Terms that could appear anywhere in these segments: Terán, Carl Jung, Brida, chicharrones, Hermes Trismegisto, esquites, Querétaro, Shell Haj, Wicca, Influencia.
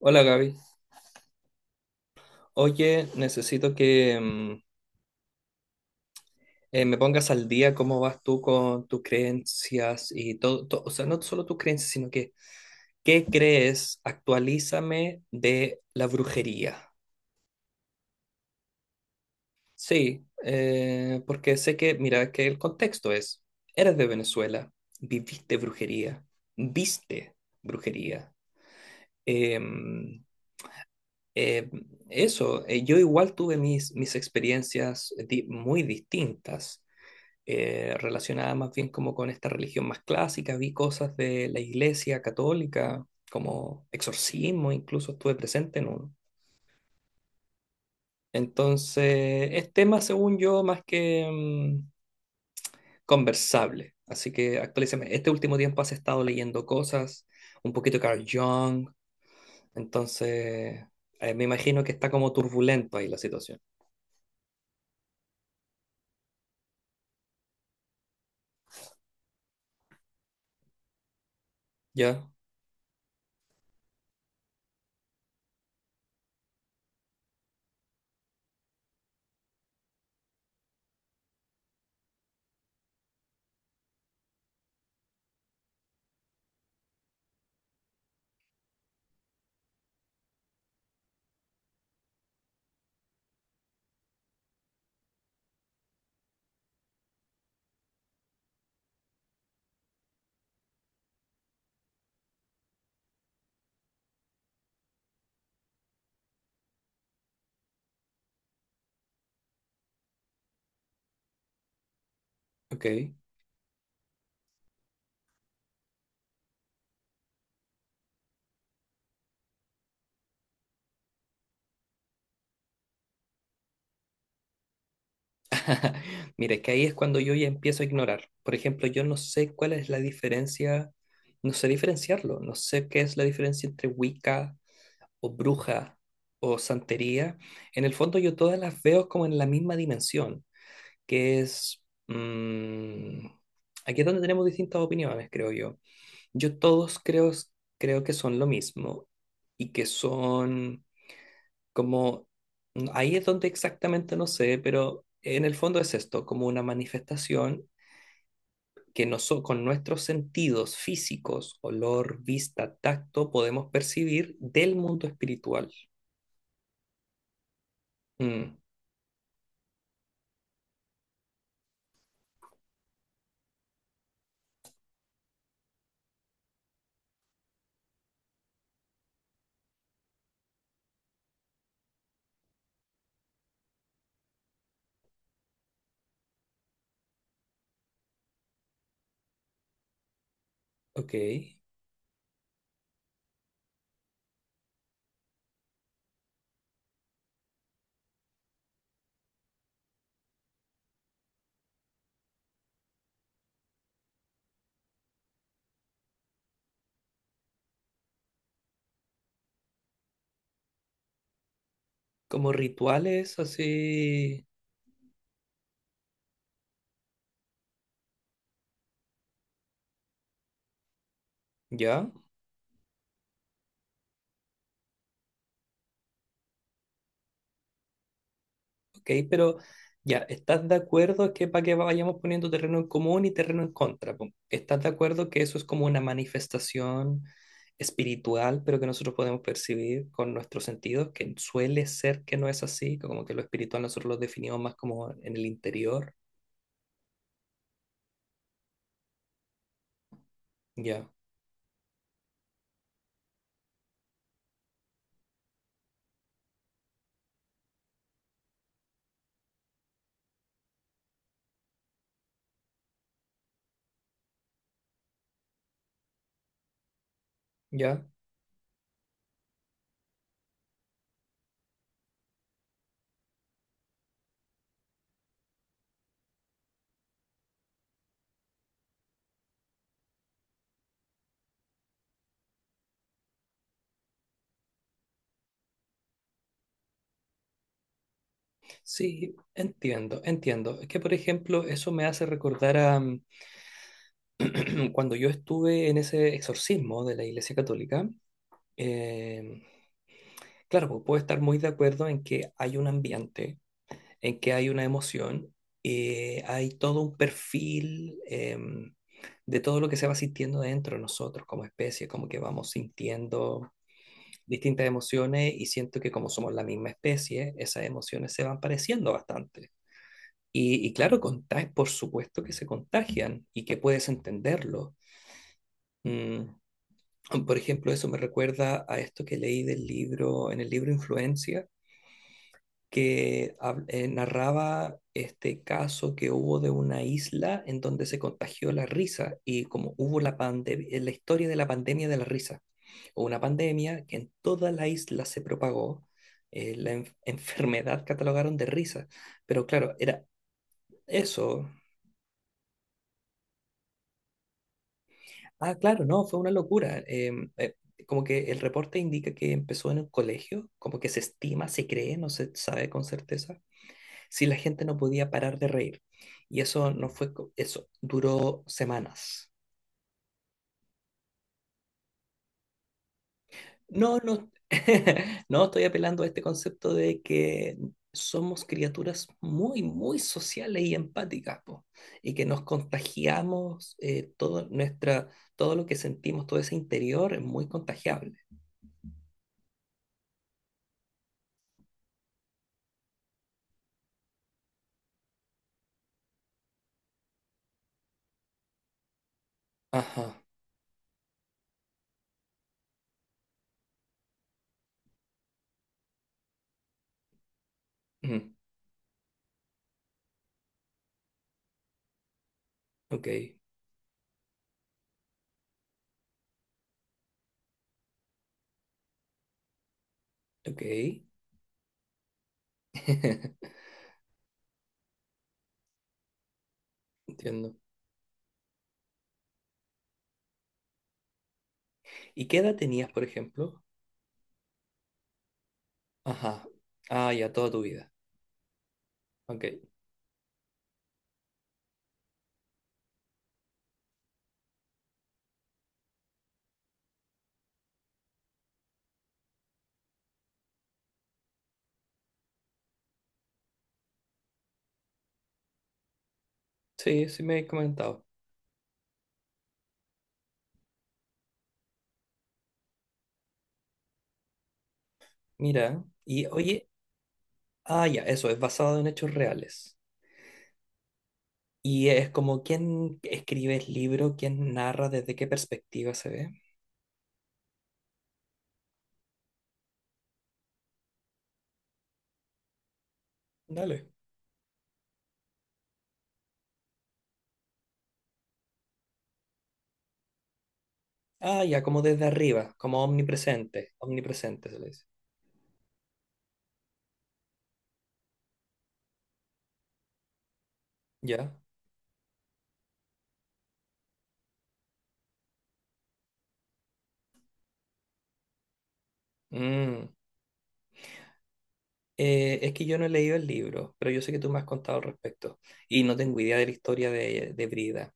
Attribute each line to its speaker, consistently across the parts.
Speaker 1: Hola, Gaby. Oye, necesito que me pongas al día cómo vas tú con tus creencias y todo, o sea, no solo tus creencias, sino que qué crees, actualízame de la brujería. Sí, porque sé que, mira, que el contexto es, eres de Venezuela, viviste brujería, viste brujería. Em, em, Eso, yo igual tuve mis experiencias muy distintas. Relacionada más bien como con esta religión más clásica, vi cosas de la Iglesia Católica, como exorcismo, incluso estuve presente en uno. Entonces, es tema, según yo, más que conversable. Así que actualízame. Este último tiempo has estado leyendo cosas, un poquito Carl Jung. Entonces, me imagino que está como turbulento ahí la situación. ¿Ya? Ok. Mira, es que ahí es cuando yo ya empiezo a ignorar. Por ejemplo, yo no sé cuál es la diferencia, no sé diferenciarlo, no sé qué es la diferencia entre Wicca o bruja o santería. En el fondo yo todas las veo como en la misma dimensión, que es aquí es donde tenemos distintas opiniones, creo yo. Yo todos creo, creo que son lo mismo y que son como ahí es donde exactamente no sé, pero en el fondo es esto, como una manifestación que con nuestros sentidos físicos, olor, vista, tacto, podemos percibir del mundo espiritual. Mm, ok, como rituales así, ¿ya? ¿Ok? Pero ya, ¿estás de acuerdo que para que vayamos poniendo terreno en común y terreno en contra, po? ¿Estás de acuerdo que eso es como una manifestación espiritual, pero que nosotros podemos percibir con nuestros sentidos, que suele ser que no es así, como que lo espiritual nosotros lo definimos más como en el interior? Ya, ya. Sí, entiendo, entiendo. Es que, por ejemplo, eso me hace recordar a cuando yo estuve en ese exorcismo de la Iglesia Católica. em, Claro, puedo estar muy de acuerdo en que hay un ambiente, en que hay una emoción, hay todo un perfil de todo lo que se va sintiendo dentro de nosotros como especie, como que vamos sintiendo distintas emociones y siento que como somos la misma especie, esas emociones se van pareciendo bastante. Y claro, contagian, por supuesto que se contagian y que puedes entenderlo. Mm, por ejemplo, eso me recuerda a esto que leí del libro, en el libro Influencia, que narraba este caso que hubo de una isla en donde se contagió la risa, y como hubo la pande la historia de la pandemia de la risa, o una pandemia que en toda la isla se propagó, la enfermedad catalogaron de risa, pero claro, era eso. Ah, claro, no, fue una locura. Como que el reporte indica que empezó en un colegio, como que se estima, se cree, no se sabe con certeza si la gente no podía parar de reír. Y eso no fue, eso duró semanas. No, no, no estoy apelando a este concepto de que somos criaturas muy, muy sociales y empáticas, po, y que nos contagiamos todo nuestra, todo lo que sentimos, todo ese interior es muy contagiable. Ajá. Mm, ok, ok. Entiendo. ¿Y qué edad tenías, por ejemplo? Ajá. Ah, ya toda tu vida. Ok. Sí, sí me habéis comentado. Mira, y oye, ah, ya, eso, es basado en hechos reales. Y es como quién escribe el libro, quién narra, desde qué perspectiva se ve. Dale. Ah, ya, como desde arriba, como omnipresente. Omnipresente se le dice. Ya. Mm. Es que yo no he leído el libro, pero yo sé que tú me has contado al respecto. Y no tengo idea de la historia de Brida.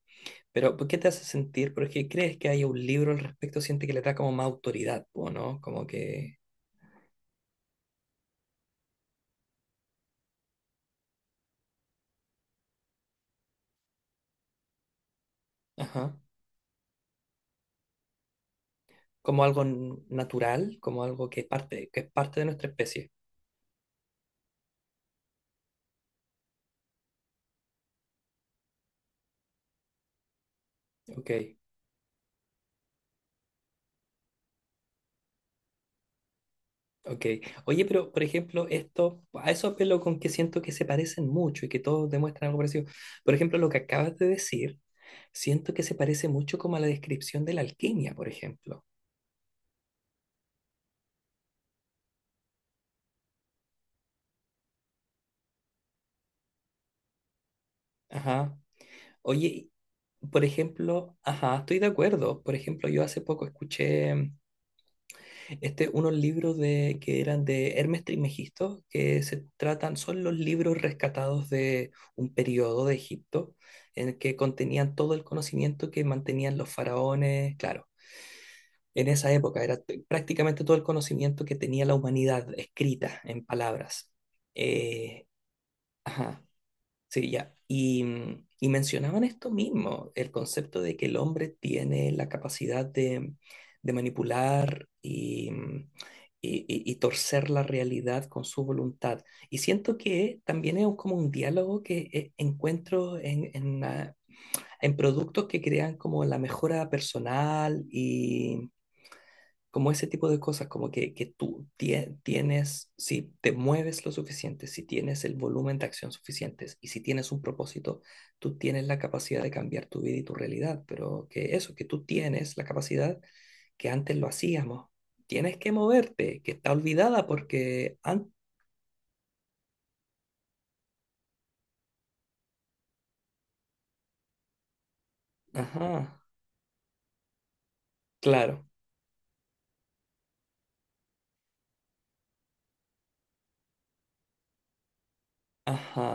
Speaker 1: Pero, ¿por qué te hace sentir? Porque crees que hay un libro al respecto, siente que le da como más autoridad, ¿o no? Como que. Ajá, como algo natural, como algo que parte, que es parte de nuestra especie. Ok, ok. Oye, pero por ejemplo, esto, a eso apelo con que siento que se parecen mucho y que todos demuestran algo parecido. Por ejemplo, lo que acabas de decir, siento que se parece mucho como a la descripción de la alquimia, por ejemplo. Ajá. Oye, por ejemplo, ajá, estoy de acuerdo. Por ejemplo, yo hace poco escuché este, unos libros de, que eran de Hermes Trismegisto, que se tratan, son los libros rescatados de un periodo de Egipto, en el que contenían todo el conocimiento que mantenían los faraones, claro. En esa época era prácticamente todo el conocimiento que tenía la humanidad escrita en palabras. Eh, ajá. Sí, ya. Y, y mencionaban esto mismo, el concepto de que el hombre tiene la capacidad de manipular y, y torcer la realidad con su voluntad. Y siento que también es como un diálogo que encuentro en, ah, en productos que crean como la mejora personal, como ese tipo de cosas, como que tú tienes, si te mueves lo suficiente, si tienes el volumen de acción suficientes y si tienes un propósito, tú tienes la capacidad de cambiar tu vida y tu realidad, pero que eso, que tú tienes la capacidad que antes lo hacíamos, tienes que moverte, que está olvidada porque, an- ajá, claro, ajá.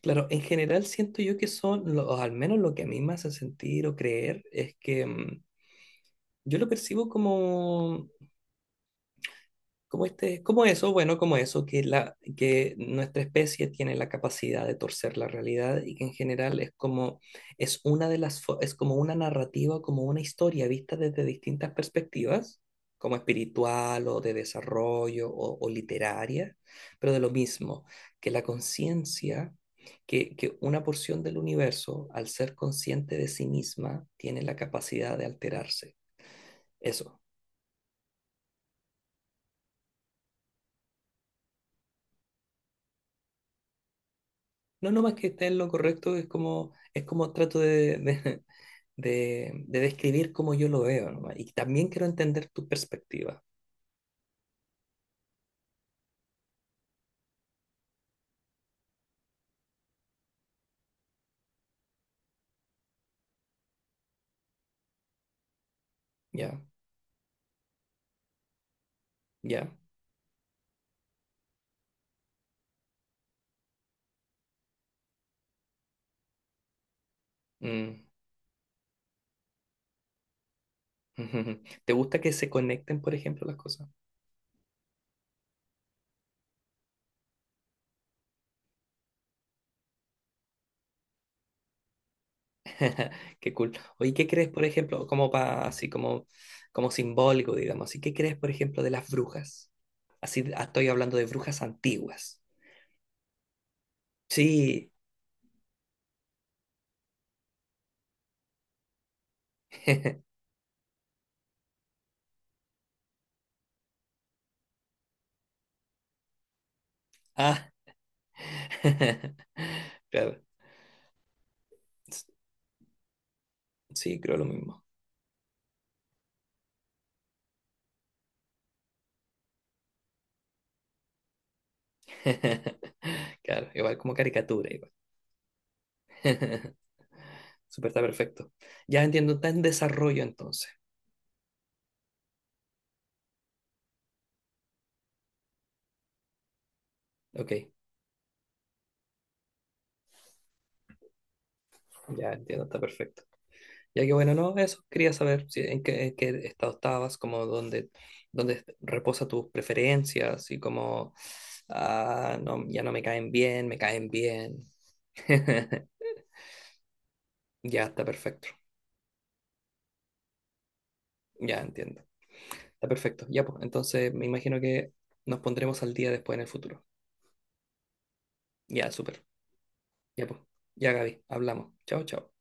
Speaker 1: Claro, en general siento yo que son, o al menos lo que a mí me hace sentir o creer, es que yo lo percibo como, como este, como eso, bueno, como eso, que, la, que nuestra especie tiene la capacidad de torcer la realidad y que en general es como, es una de las, es como una narrativa, como una historia vista desde distintas perspectivas, como espiritual o de desarrollo o literaria, pero de lo mismo, que la conciencia, que una porción del universo, al ser consciente de sí misma, tiene la capacidad de alterarse. Eso. No, no más que esté en lo correcto, es como trato de, de describir cómo yo lo veo, nomás. Y también quiero entender tu perspectiva. Ya, ya. Mm. ¿Te gusta que se conecten, por ejemplo, las cosas? Qué cool. Oye, ¿qué crees, por ejemplo, como así como, como simbólico, digamos, así qué crees, por ejemplo, de las brujas? Así, ah, estoy hablando de brujas antiguas. Sí. Ah. Claro. Sí, creo lo mismo. Claro, igual como caricatura, igual. Súper, está perfecto. Ya entiendo, está en desarrollo entonces. Ok, ya entiendo, está perfecto. Ya que bueno, no, eso, quería saber si, en qué estado estabas, como dónde, dónde reposa tus preferencias y como, ah, no, ya no me caen bien, me caen bien. Ya está perfecto, ya entiendo. Está perfecto, ya pues, entonces me imagino que nos pondremos al día después en el futuro. Ya, súper. Ya pues, ya, Gaby, hablamos. Chao, chao.